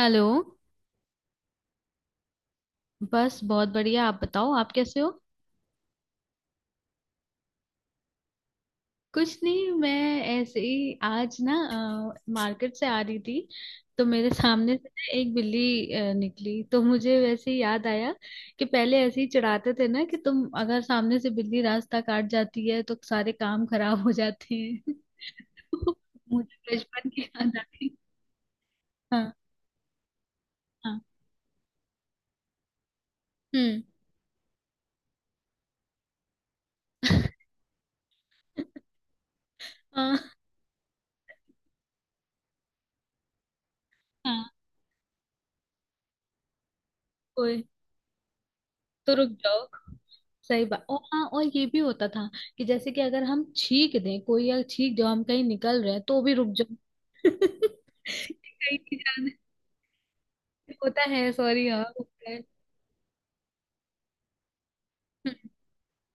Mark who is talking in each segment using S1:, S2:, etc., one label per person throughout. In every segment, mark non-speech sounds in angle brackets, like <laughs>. S1: Hello. बस बहुत बढ़िया, आप बताओ आप कैसे हो। कुछ नहीं, मैं ऐसे ही आज ना मार्केट से आ रही थी तो मेरे सामने से ना एक बिल्ली निकली तो मुझे वैसे ही याद आया कि पहले ऐसे ही चिढ़ाते थे ना कि तुम अगर सामने से बिल्ली रास्ता काट जाती है तो सारे काम खराब हो जाते हैं। <laughs> तो मुझे बचपन की याद आ गई। हाँ। हाँ। हम्म। <laughs> हाँ। हाँ। तो रुक जाओ। सही बात। और हाँ, और ये भी होता था कि जैसे कि अगर हम छींक दें, कोई अगर छींक जाओ हम कहीं निकल रहे हैं तो भी रुक जाओ। <laughs> कहीं नहीं जाने। होता है, सॉरी, हाँ होता है। हम्म,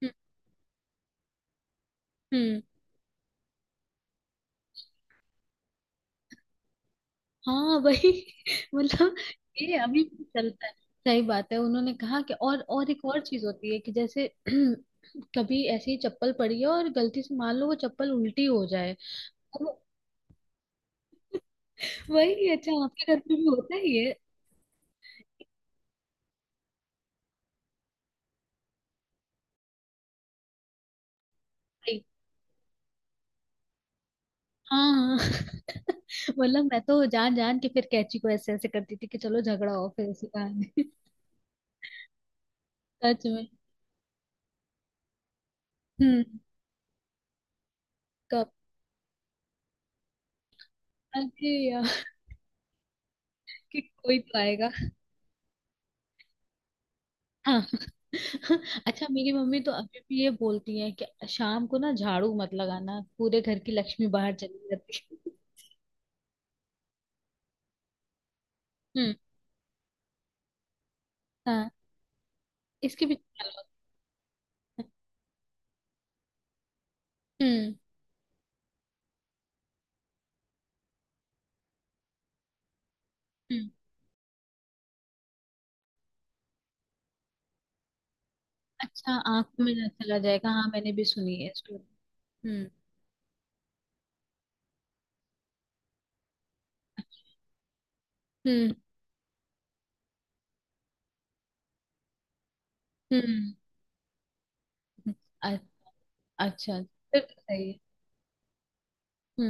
S1: हम्म, हम्म। हाँ वही। <laughs> मतलब, ये अभी भी चलता है। सही बात है। उन्होंने कहा कि और एक और चीज होती है कि जैसे <clears throat> कभी ऐसी चप्पल पड़ी है और गलती से मान लो वो चप्पल उल्टी हो जाए। अब वही अच्छा आपके घर पे भी होता ही है। हाँ। <laughs> मतलब मैं तो जान जान के फिर कैची को ऐसे ऐसे करती थी कि चलो झगड़ा हो फिर इसी बहाने। <laughs> सच में। हम्म। कब? अरे यार। कि कोई तो आएगा। हाँ। <laughs> अच्छा, मेरी मम्मी तो अभी भी ये बोलती है कि शाम को ना झाड़ू मत लगाना, पूरे घर की लक्ष्मी बाहर चली जाती है। <laughs> हम्म। हाँ। इसके भी ख्याल होता है। हम्म, हम्म। अच्छा आंखों में ना चला जाएगा, हाँ मैंने भी सुनी है स्टोरी। हम्म, हम्म, हम्म, हम्म। अ- अच्छा फिर तो सही है।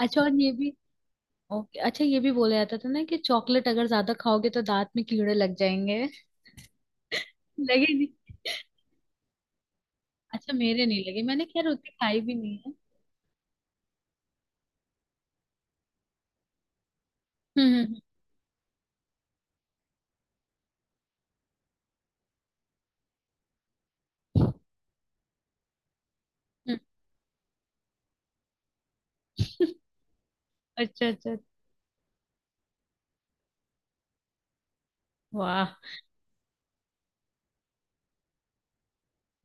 S1: अच्छा और ये भी। ओके, अच्छा ये भी बोला जाता था ना कि चॉकलेट अगर ज्यादा खाओगे तो दांत में कीड़े लग जाएंगे। <laughs> लगे नहीं? अच्छा मेरे नहीं लगे, मैंने खैर उतनी खाई भी नहीं है। हम्म, हम्म, हम्म। <laughs> अच्छा अच्छा। वाह।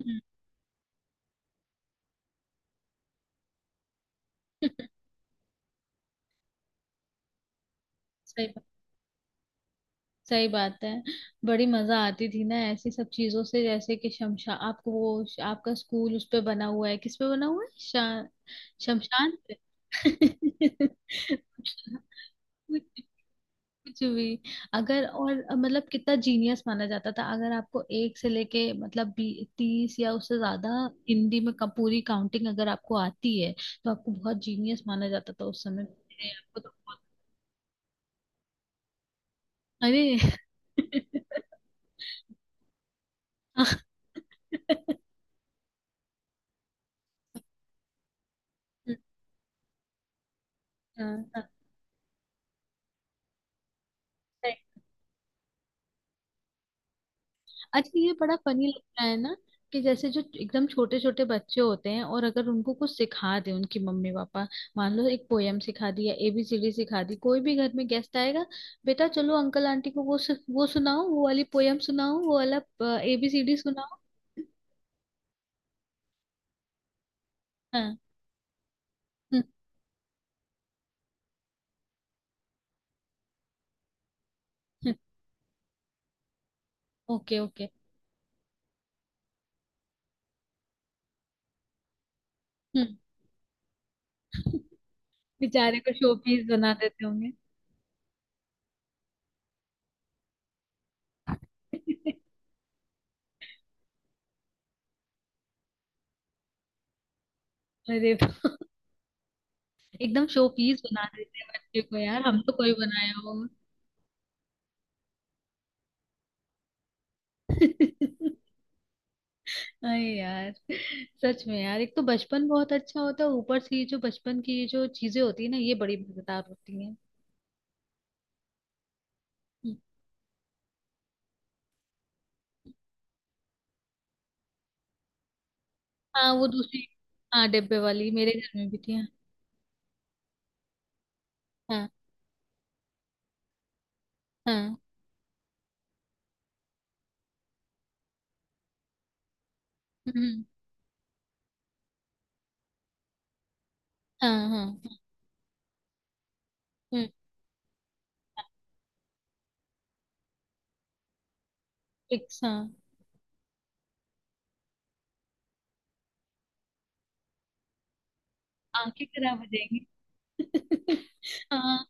S1: हम्म। <laughs> सही बात, सही बात है। बड़ी मजा आती थी ना ऐसी सब चीजों से, जैसे कि शमशा आपको वो आपका स्कूल उस पे बना हुआ है, किस पे बना हुआ है? शमशान पे। <laughs> कुछ भी। अगर और मतलब कितना जीनियस माना जाता था अगर आपको एक से लेके मतलब बी 30 या उससे ज्यादा हिंदी में पूरी काउंटिंग अगर आपको आती है तो आपको बहुत जीनियस माना जाता था उस समय। अरे, आपको तो बहुत। अरे। <laughs> हाँ। हाँ, हाँ। अच्छा ये बड़ा फनी लगता है ना कि जैसे जो एकदम छोटे छोटे बच्चे होते हैं, और अगर उनको कुछ सिखा दे उनकी मम्मी पापा, मान लो एक पोयम सिखा दी या एबीसीडी सिखा दी, कोई भी घर में गेस्ट आएगा, बेटा चलो अंकल आंटी को वो सुनाओ, वो वाली पोयम सुनाओ, वो वाला एबीसीडी सुनाओ। हाँ। Okay, okay. बेचारे को शो पीस बना देते होंगे। अरे एकदम शो पीस बना देते हैं बच्चे को यार, हम तो कोई बनाया होगा। <laughs> अरे यार। सच में यार, एक तो बचपन बहुत अच्छा होता है, ऊपर से ये जो बचपन की ये जो चीजें होती है ना, ये बड़ी मजेदार होती हैं। हम्म। हाँ वो दूसरी। हाँ डिब्बे वाली, मेरे घर में भी थी। हाँ। हाँ। हाँ। हम्म। हाँ। हाँ। हम्म। फिक्स, हाँ। आंखें खराब हो जाएंगी। <laughs> हाँ।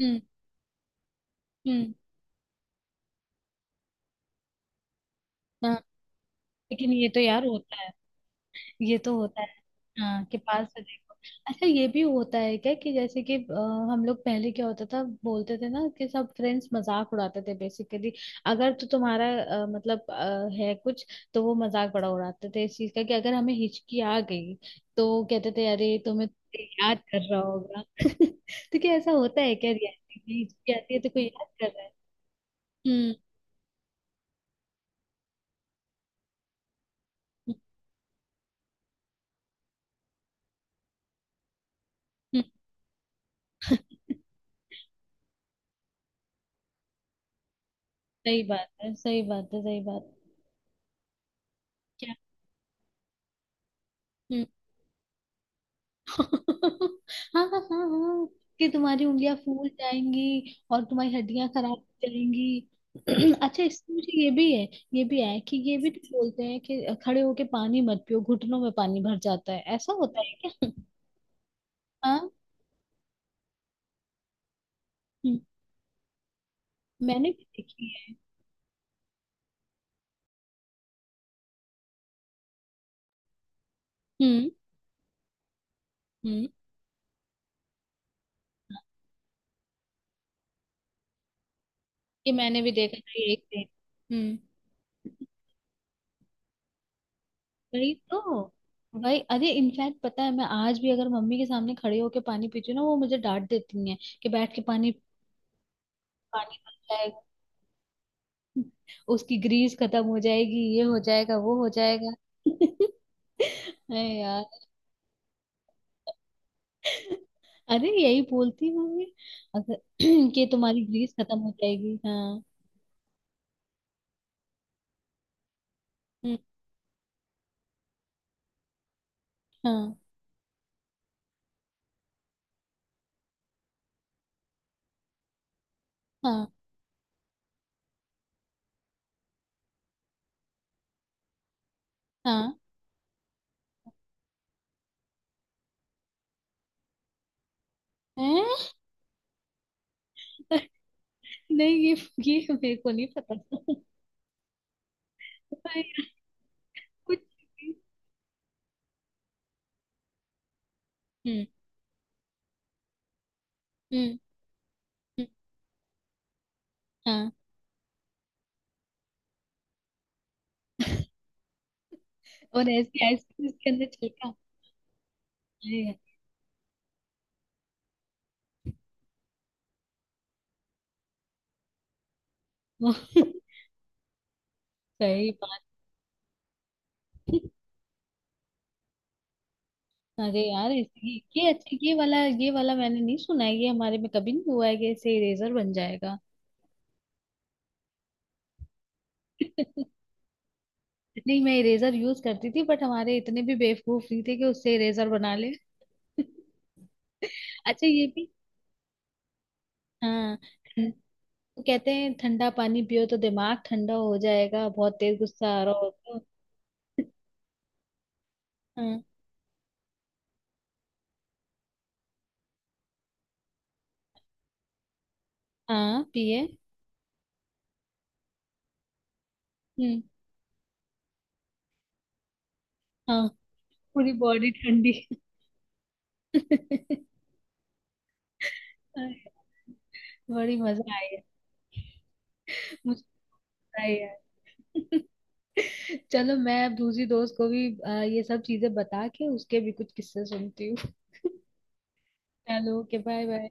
S1: हम्म। हम्म। हाँ लेकिन ये तो यार होता है, ये तो होता है। हाँ कि पास से देखो। अच्छा, ये भी होता है क्या कि जैसे कि हम लोग पहले क्या होता था बोलते थे ना कि सब फ्रेंड्स मजाक उड़ाते थे, बेसिकली अगर तो तुम्हारा मतलब है कुछ, तो वो मजाक बड़ा उड़ाते थे इस चीज का कि अगर हमें हिचकी आ गई तो कहते थे अरे तुम्हें तो याद कर रहा होगा। <laughs> तो क्या ऐसा होता है क्या, रियलिटी में हिचकी आती है तो कोई याद कर रहा है? हम्म। <laughs> हम्म, हम्म। सही बात है, सही बात है, सही बात। क्या? <laughs> हाँ, हाँ, हाँ, हाँ। कि तुम्हारी उंगलियां फूल जाएंगी और तुम्हारी हड्डियां खराब हो जाएंगी। <clears throat> अच्छा इसमें मुझे ये भी है। ये भी है कि, ये भी तो बोलते हैं कि खड़े होके पानी मत पियो, घुटनों में पानी भर जाता है, ऐसा होता है क्या? <laughs> हाँ। हम्म। मैंने भी देखी है। हम्म, हम्म। ये मैंने भी देखा था ये एक दिन। हम्म। वही तो। वही, अरे इनफैक्ट पता है, मैं आज भी अगर मम्मी के सामने खड़े होके पानी पीती हूँ ना वो मुझे डांट देती है कि बैठ के पानी। पानी उसकी ग्रीस खत्म हो जाएगी, ये हो जाएगा वो हो जाएगा। <laughs> अरे यार। अरे यही बोलती होंगी अगर <clears throat> कि तुम्हारी ग्रीस खत्म हो जाएगी, हाँ। हम्म, हाँ, हाँ, हाँ। हैं? <laughs> नहीं ये, मेरे को नहीं पता, अरे यार, कुछ भी। हम्म, हम्म, हम्म। हाँ और ऐसी आइसक्रीम इसके अंदर छिलका। अरे यार। <laughs> सही बात। अरे यार ये अच्छा ये वाला मैंने नहीं सुना है, ये हमारे में कभी नहीं हुआ है कि इससे इरेजर बन जाएगा। <laughs> नहीं मैं इरेजर यूज करती थी बट हमारे इतने भी बेवकूफ नहीं थे कि उससे इरेजर बना ले। <laughs> अच्छा ये भी। हाँ। ठं- वो कहते हैं ठंडा पानी पियो तो दिमाग ठंडा हो जाएगा बहुत तेज गुस्सा आ रहा हो तो। हाँ। हाँ पिए। हम्म। हाँ। पूरी बॉडी ठंडी। <laughs> बड़ी मजा आई है। मुझे मजा आई है। <laughs> चलो मैं अब दूसरी दोस्त को भी ये सब चीजें बता के उसके भी कुछ किस्से सुनती हूँ। <laughs> चलो ओके, बाय बाय।